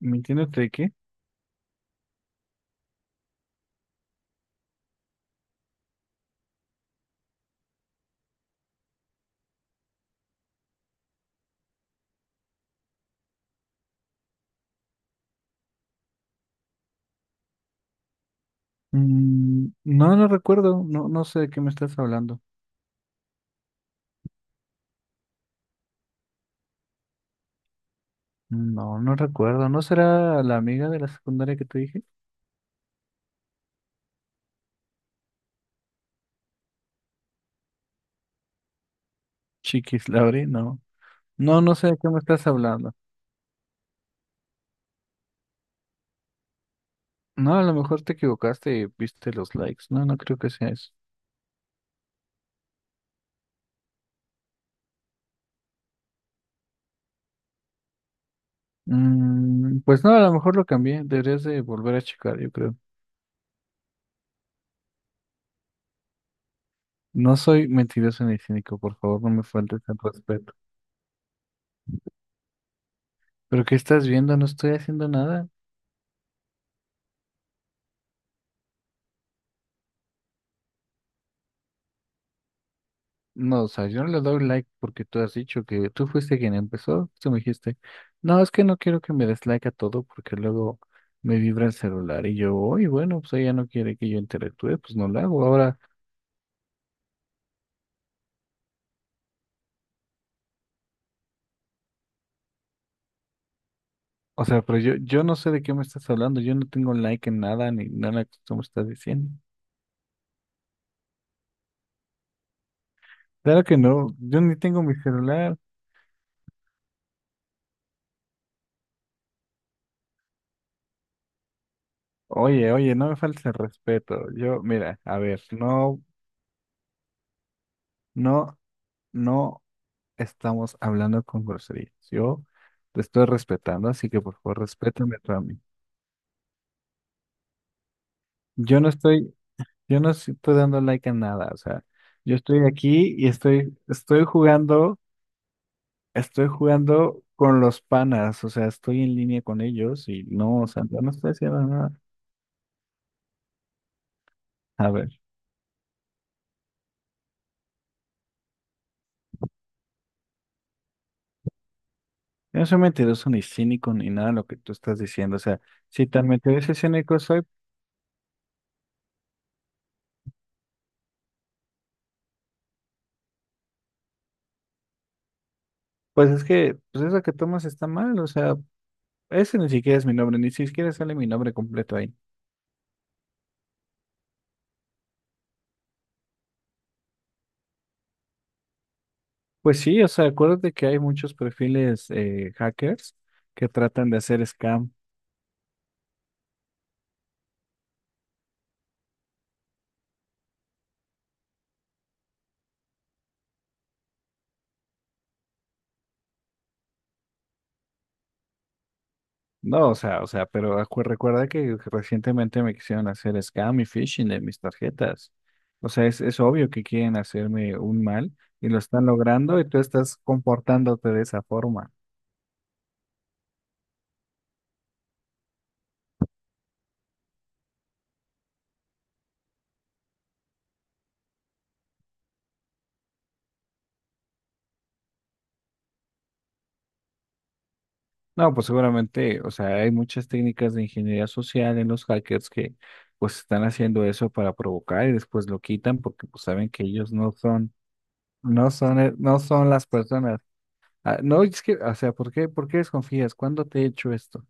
¿Mintiéndote de qué? No, no recuerdo. No, no sé de qué me estás hablando. No, no recuerdo. ¿No será la amiga de la secundaria que te dije? Chiquis, Lauri, no. No, no sé de qué me estás hablando. No, a lo mejor te equivocaste y viste los likes. No, no creo que sea eso. Pues no, a lo mejor lo cambié. Deberías de volver a checar, yo creo. No soy mentiroso ni cínico, por favor, no me faltes el respeto. ¿Pero qué estás viendo? No estoy haciendo nada. No, o sea, yo no le doy like porque tú has dicho que tú fuiste quien empezó. Tú me dijiste, no, es que no quiero que me des like a todo porque luego me vibra el celular. Y yo, uy, bueno, pues ella no quiere que yo interactúe, pues no lo hago. Ahora, o sea, pero yo no sé de qué me estás hablando. Yo no tengo like en nada ni nada que tú me estás diciendo. Claro que no, yo ni tengo mi celular. Oye, oye, no me falte el respeto. Yo, mira, a ver, no, no, no, estamos hablando con groserías. Yo te estoy respetando, así que por favor, respétame tú a mí. Yo no estoy, yo no estoy dando like a nada, o sea, yo estoy aquí y estoy jugando, estoy jugando con los panas, o sea, estoy en línea con ellos y no, o sea, yo no estoy haciendo nada. A ver, yo no soy mentiroso ni cínico ni nada de lo que tú estás diciendo, o sea, si tan mentiroso y cínico soy, pues es que, pues eso que tomas está mal, o sea, ese ni siquiera es mi nombre, ni siquiera sale mi nombre completo ahí. Pues sí, o sea, acuérdate que hay muchos perfiles hackers que tratan de hacer scam. No, o sea, pero recuerda que recientemente me quisieron hacer scam y phishing de mis tarjetas. O sea, es obvio que quieren hacerme un mal y lo están logrando y tú estás comportándote de esa forma. No, pues seguramente, o sea, hay muchas técnicas de ingeniería social en los hackers que pues están haciendo eso para provocar y después lo quitan porque pues saben que ellos no son las personas. Ah, no, es que, o sea, por qué desconfías? ¿Cuándo te he hecho esto?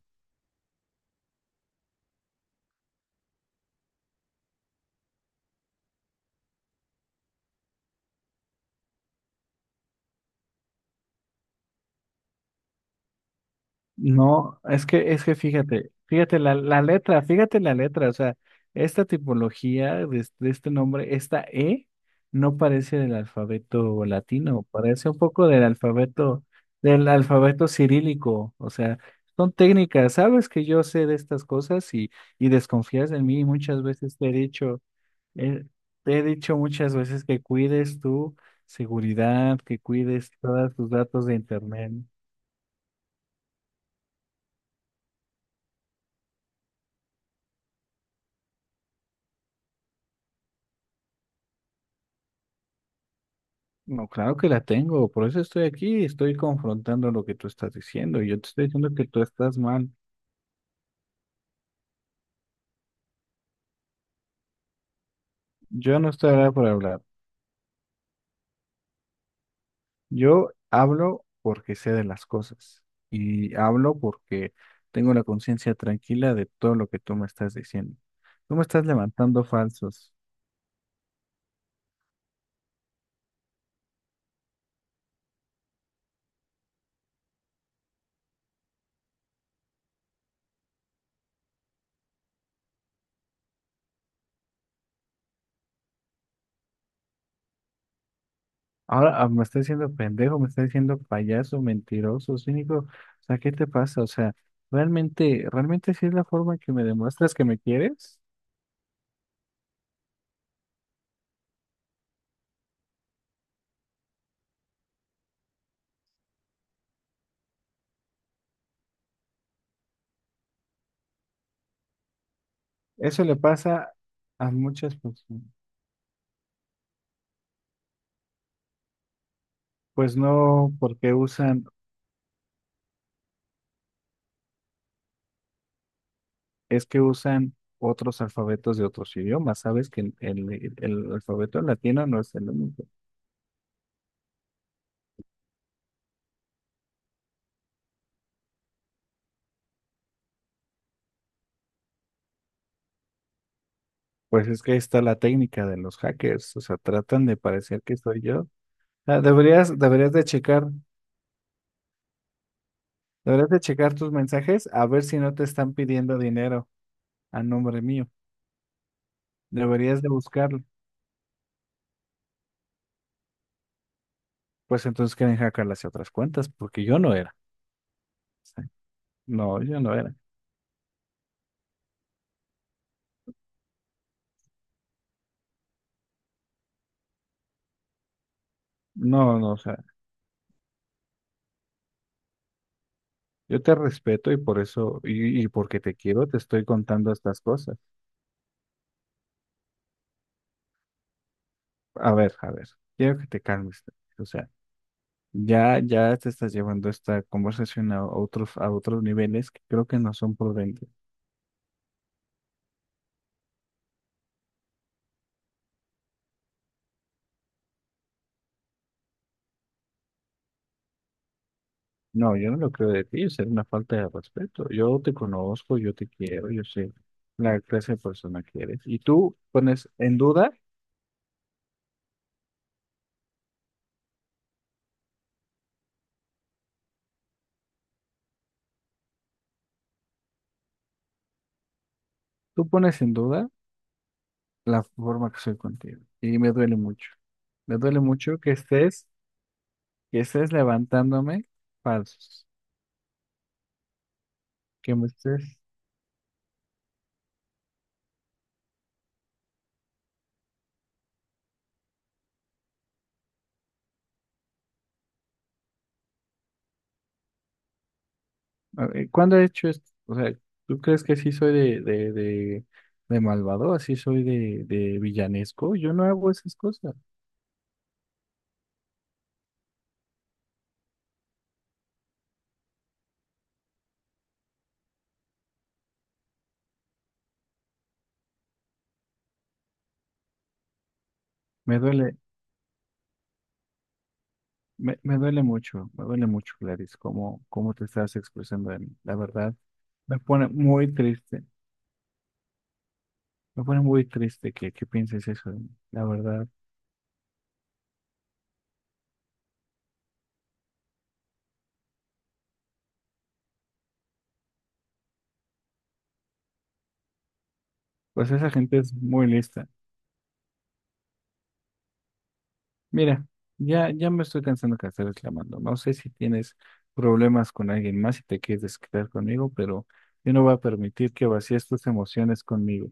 No, es que fíjate, fíjate la letra, fíjate la letra, o sea, esta tipología de, de este nombre, esta E, no parece del alfabeto latino, parece un poco del alfabeto cirílico, o sea, son técnicas, sabes que yo sé de estas cosas y desconfías de mí, y muchas veces te he dicho. Eh, Te he dicho muchas veces que cuides tu seguridad, que cuides todos tus datos de internet. No, claro que la tengo, por eso estoy aquí, estoy confrontando lo que tú estás diciendo. Yo te estoy diciendo que tú estás mal. Yo no estoy hablando por hablar. Yo hablo porque sé de las cosas y hablo porque tengo la conciencia tranquila de todo lo que tú me estás diciendo. Tú me estás levantando falsos. Ahora me está diciendo pendejo, me está diciendo payaso, mentiroso, cínico. O sea, ¿qué te pasa? O sea, realmente, realmente si es la forma que me demuestras que me quieres. Eso le pasa a muchas personas. Pues no, porque usan, es que usan otros alfabetos de otros idiomas. Sabes que el alfabeto latino no es el único. Pues es que está la técnica de los hackers. O sea, tratan de parecer que soy yo. O sea, deberías, deberías de checar. Deberías de checar tus mensajes a ver si no te están pidiendo dinero a nombre mío. Deberías de buscarlo. Pues entonces quieren hackear hacia otras cuentas, porque yo no era. Sí. No, yo no era. No, no, o sea, yo te respeto y por eso, y porque te quiero, te estoy contando estas cosas. A ver, quiero que te calmes. O sea, ya, ya te estás llevando esta conversación a otros niveles que creo que no son prudentes. No, yo no lo creo de ti, es una falta de respeto. Yo te conozco, yo te quiero, yo sé la clase de persona que eres. Y tú pones en duda la forma que soy contigo. Y me duele mucho. Me duele mucho que estés levantándome falsos. Que me estés. A ver, ¿cuándo he hecho esto? O sea, ¿tú crees que sí soy de malvado? ¿Así soy de villanesco? Yo no hago esas cosas. Me duele. Me duele mucho, me duele mucho, Gladys, cómo, cómo te estás expresando de mí. La verdad, me pone muy triste, me pone muy triste que pienses eso de mí. La verdad, pues esa gente es muy lista. Mira, ya, ya me estoy cansando que estés reclamando. No sé si tienes problemas con alguien más y te quieres desquitar conmigo, pero yo no voy a permitir que vacíes tus emociones conmigo.